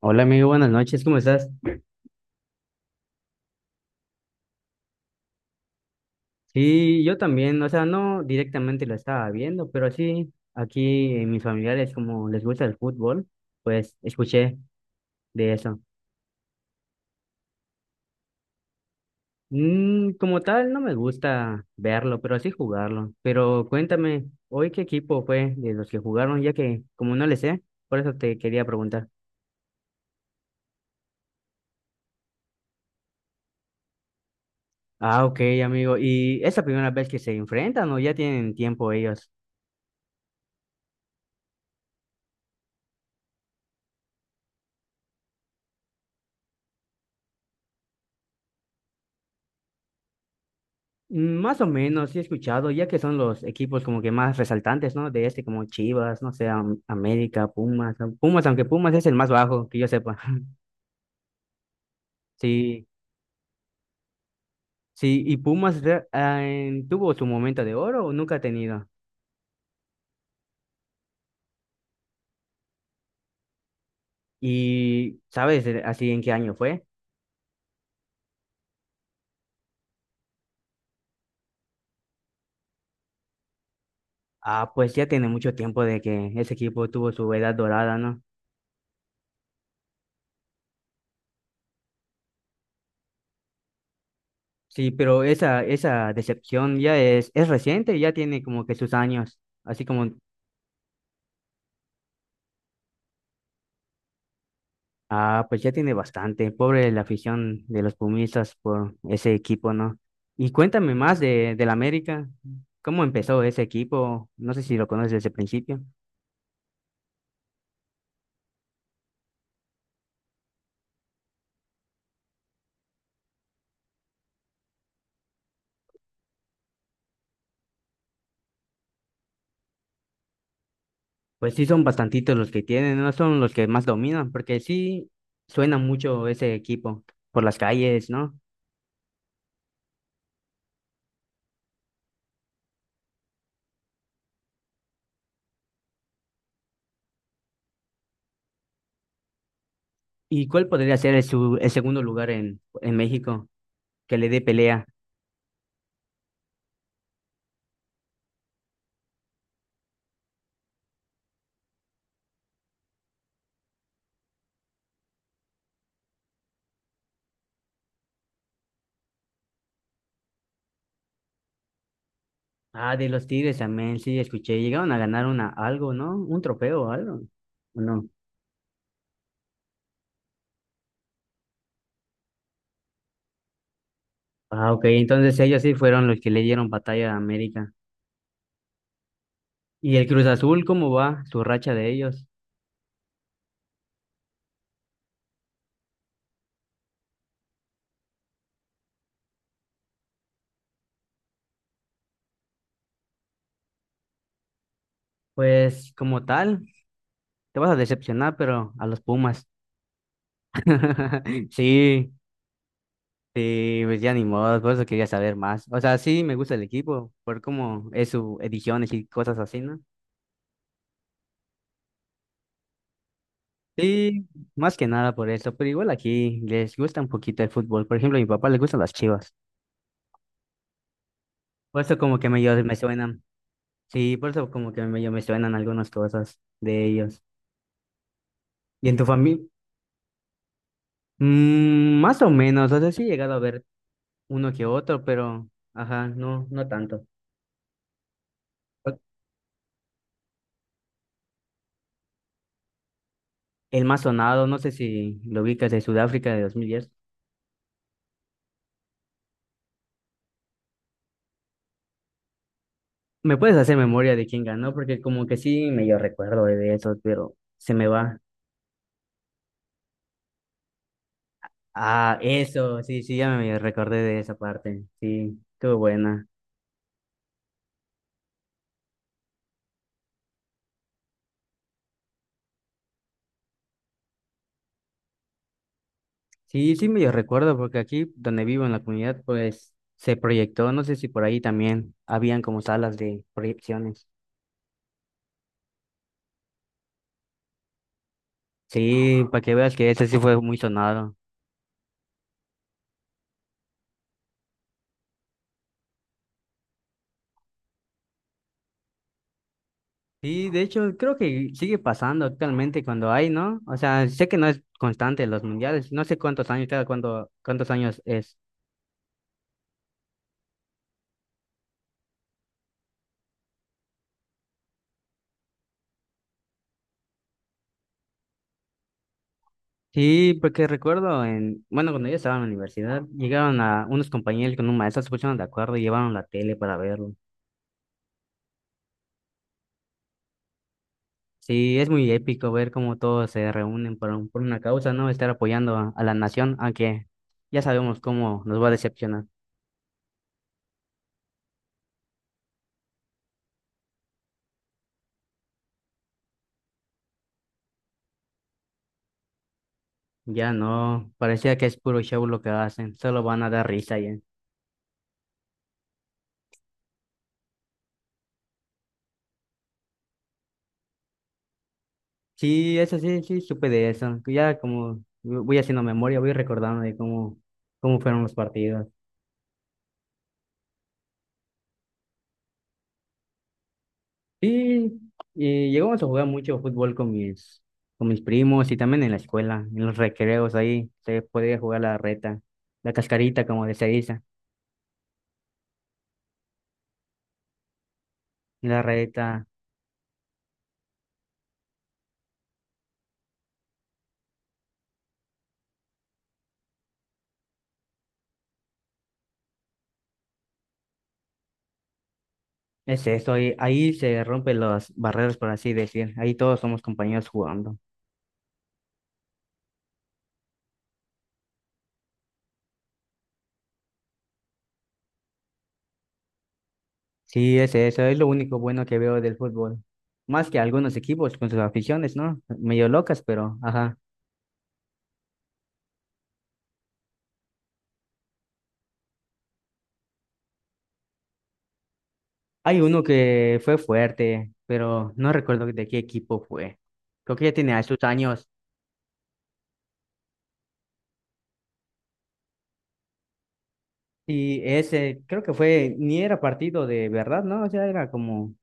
Hola amigo, buenas noches, ¿cómo estás? Sí, yo también, o sea, no directamente lo estaba viendo, pero sí, aquí en mis familiares, como les gusta el fútbol, pues escuché de eso. Como tal, no me gusta verlo, pero sí jugarlo. Pero cuéntame, ¿hoy qué equipo fue de los que jugaron? Ya que como no le sé, por eso te quería preguntar. Ah, ok, amigo, ¿y es la primera vez que se enfrentan o ya tienen tiempo ellos? Mm, más o menos, sí he escuchado, ya que son los equipos como que más resaltantes, ¿no? De este, como Chivas, no sé, América, Pumas, ¿no? Pumas, aunque Pumas es el más bajo, que yo sepa. Sí, sí, y Pumas tuvo su momento de oro o nunca ha tenido. Y, ¿sabes así en qué año fue? Ah, pues ya tiene mucho tiempo de que ese equipo tuvo su edad dorada, ¿no? Sí, pero esa decepción ya es reciente, ya tiene como que sus años, así como. Ah, pues ya tiene bastante. Pobre la afición de los Pumistas por ese equipo, ¿no? Y cuéntame más del América. ¿Cómo empezó ese equipo? No sé si lo conoces desde el principio. Pues sí, son bastantitos los que tienen, no son los que más dominan, porque sí suena mucho ese equipo por las calles, ¿no? ¿Y cuál podría ser el segundo lugar en México que le dé pelea? Ah, de los Tigres también, sí, escuché. Llegaron a ganar una, algo, ¿no? Un trofeo o algo. ¿O no? Ah, ok, entonces ellos sí fueron los que le dieron batalla a América. ¿Y el Cruz Azul, cómo va su racha de ellos? Pues como tal, te vas a decepcionar, pero a los Pumas. Sí, sí, pues ya ni modo, por eso quería saber más. O sea, sí me gusta el equipo, por cómo es su ediciones y cosas así, ¿no? Sí, más que nada por eso, pero igual aquí les gusta un poquito el fútbol. Por ejemplo, a mi papá le gustan las Chivas. Por eso como que medio me suenan. Sí, por eso como que medio me suenan algunas cosas de ellos. ¿Y en tu familia? Mm, más o menos, o sea, sí he llegado a ver uno que otro, pero, ajá, no, no tanto. El más sonado, no sé si lo ubicas, de Sudáfrica de 2010. ¿Me puedes hacer memoria de quién ganó? Porque como que sí, medio recuerdo de eso, pero se me va. Ah, eso, sí, sí, ya me recordé de esa parte. Sí, estuvo buena. Sí, sí, medio recuerdo, porque aquí donde vivo en la comunidad, pues se proyectó, no sé si por ahí también habían como salas de proyecciones. Sí, para que veas que ese sí fue muy sonado. Sí, de hecho, creo que sigue pasando actualmente cuando hay, ¿no? O sea, sé que no es constante los mundiales, no sé cuántos años, cada cuánto, cuántos años es. Sí, porque recuerdo en, bueno, cuando yo estaba en la universidad, llegaron a unos compañeros con un maestro, se pusieron de acuerdo y llevaron la tele para verlo. Sí, es muy épico ver cómo todos se reúnen por, por una causa, ¿no? Estar apoyando a la nación, aunque ya sabemos cómo nos va a decepcionar. Ya no, parecía que es puro show lo que hacen, solo van a dar risa ya. Sí, eso sí, sí, supe de eso. Ya como voy haciendo memoria, voy recordando de cómo, cómo fueron los partidos. Sí, y llegamos a jugar mucho fútbol con con mis primos y también en la escuela, en los recreos ahí se podía jugar la reta, la cascarita como de se dice, la reta, es eso, ahí, ahí se rompen las barreras por así decir, ahí todos somos compañeros jugando. Sí, ese, eso es lo único bueno que veo del fútbol. Más que algunos equipos con sus aficiones, ¿no? Medio locas, pero ajá. Hay uno que fue fuerte, pero no recuerdo de qué equipo fue. Creo que ya tenía sus años. Y ese, creo que fue, ni era partido de verdad, ¿no? O sea, era como.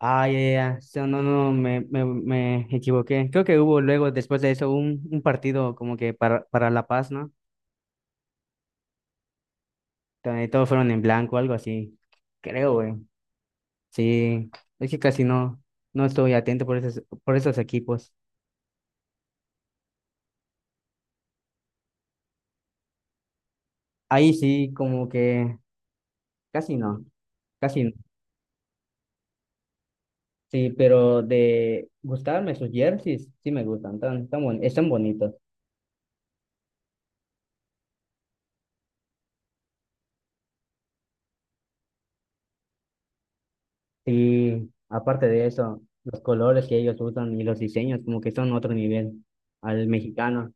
ah ya, no, no, me equivoqué. Creo que hubo luego, después de eso, un partido como que para La Paz, ¿no? Donde todos fueron en blanco, algo así. Creo, güey. Sí, es que casi no, no estoy atento por esos equipos. Ahí sí, como que casi no, casi no. Sí, pero de gustarme sus jerseys, sí me gustan, tan, están bonitos. Sí, aparte de eso, los colores que ellos usan y los diseños como que son otro nivel al mexicano.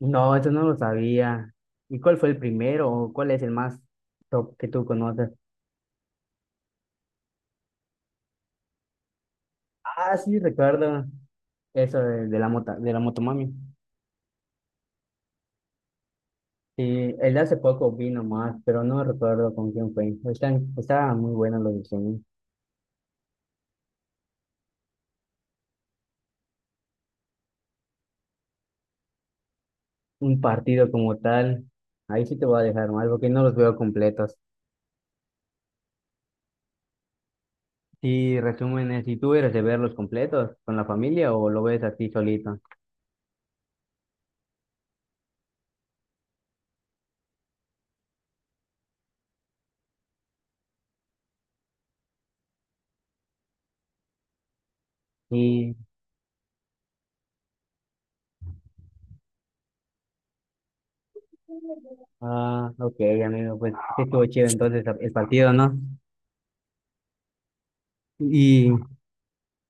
No, eso no lo sabía. ¿Y cuál fue el primero o cuál es el más top que tú conoces? Ah, sí, recuerdo eso de la mota, de la motomami. Sí, el de hace poco vino más, pero no recuerdo con quién fue. Estaban muy buenos los diseños. Un partido como tal, ahí sí te voy a dejar mal porque no los veo completos. Y resúmenes, ¿y tú eres de verlos completos con la familia o lo ves así solito? Y, ah, ok, amigo, pues sí estuvo chido entonces el partido, ¿no? ¿Y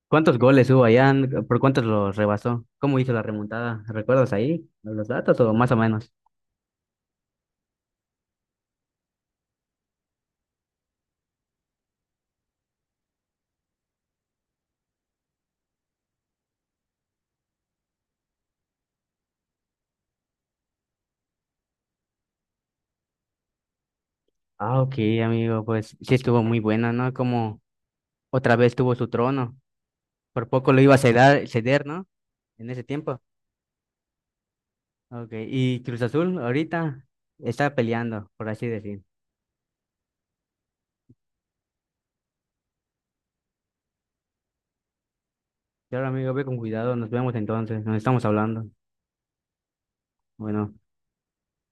cuántos goles hubo allá? ¿Por cuántos los rebasó? ¿Cómo hizo la remontada? ¿Recuerdas ahí los datos o más o menos? Ah, ok, amigo, pues sí estuvo muy buena, ¿no? Como otra vez tuvo su trono. Por poco lo iba a ceder, ceder, ¿no? En ese tiempo. Okay. Y Cruz Azul ahorita está peleando, por así decir. Claro, amigo, ve con cuidado. Nos vemos entonces. Nos estamos hablando. Bueno.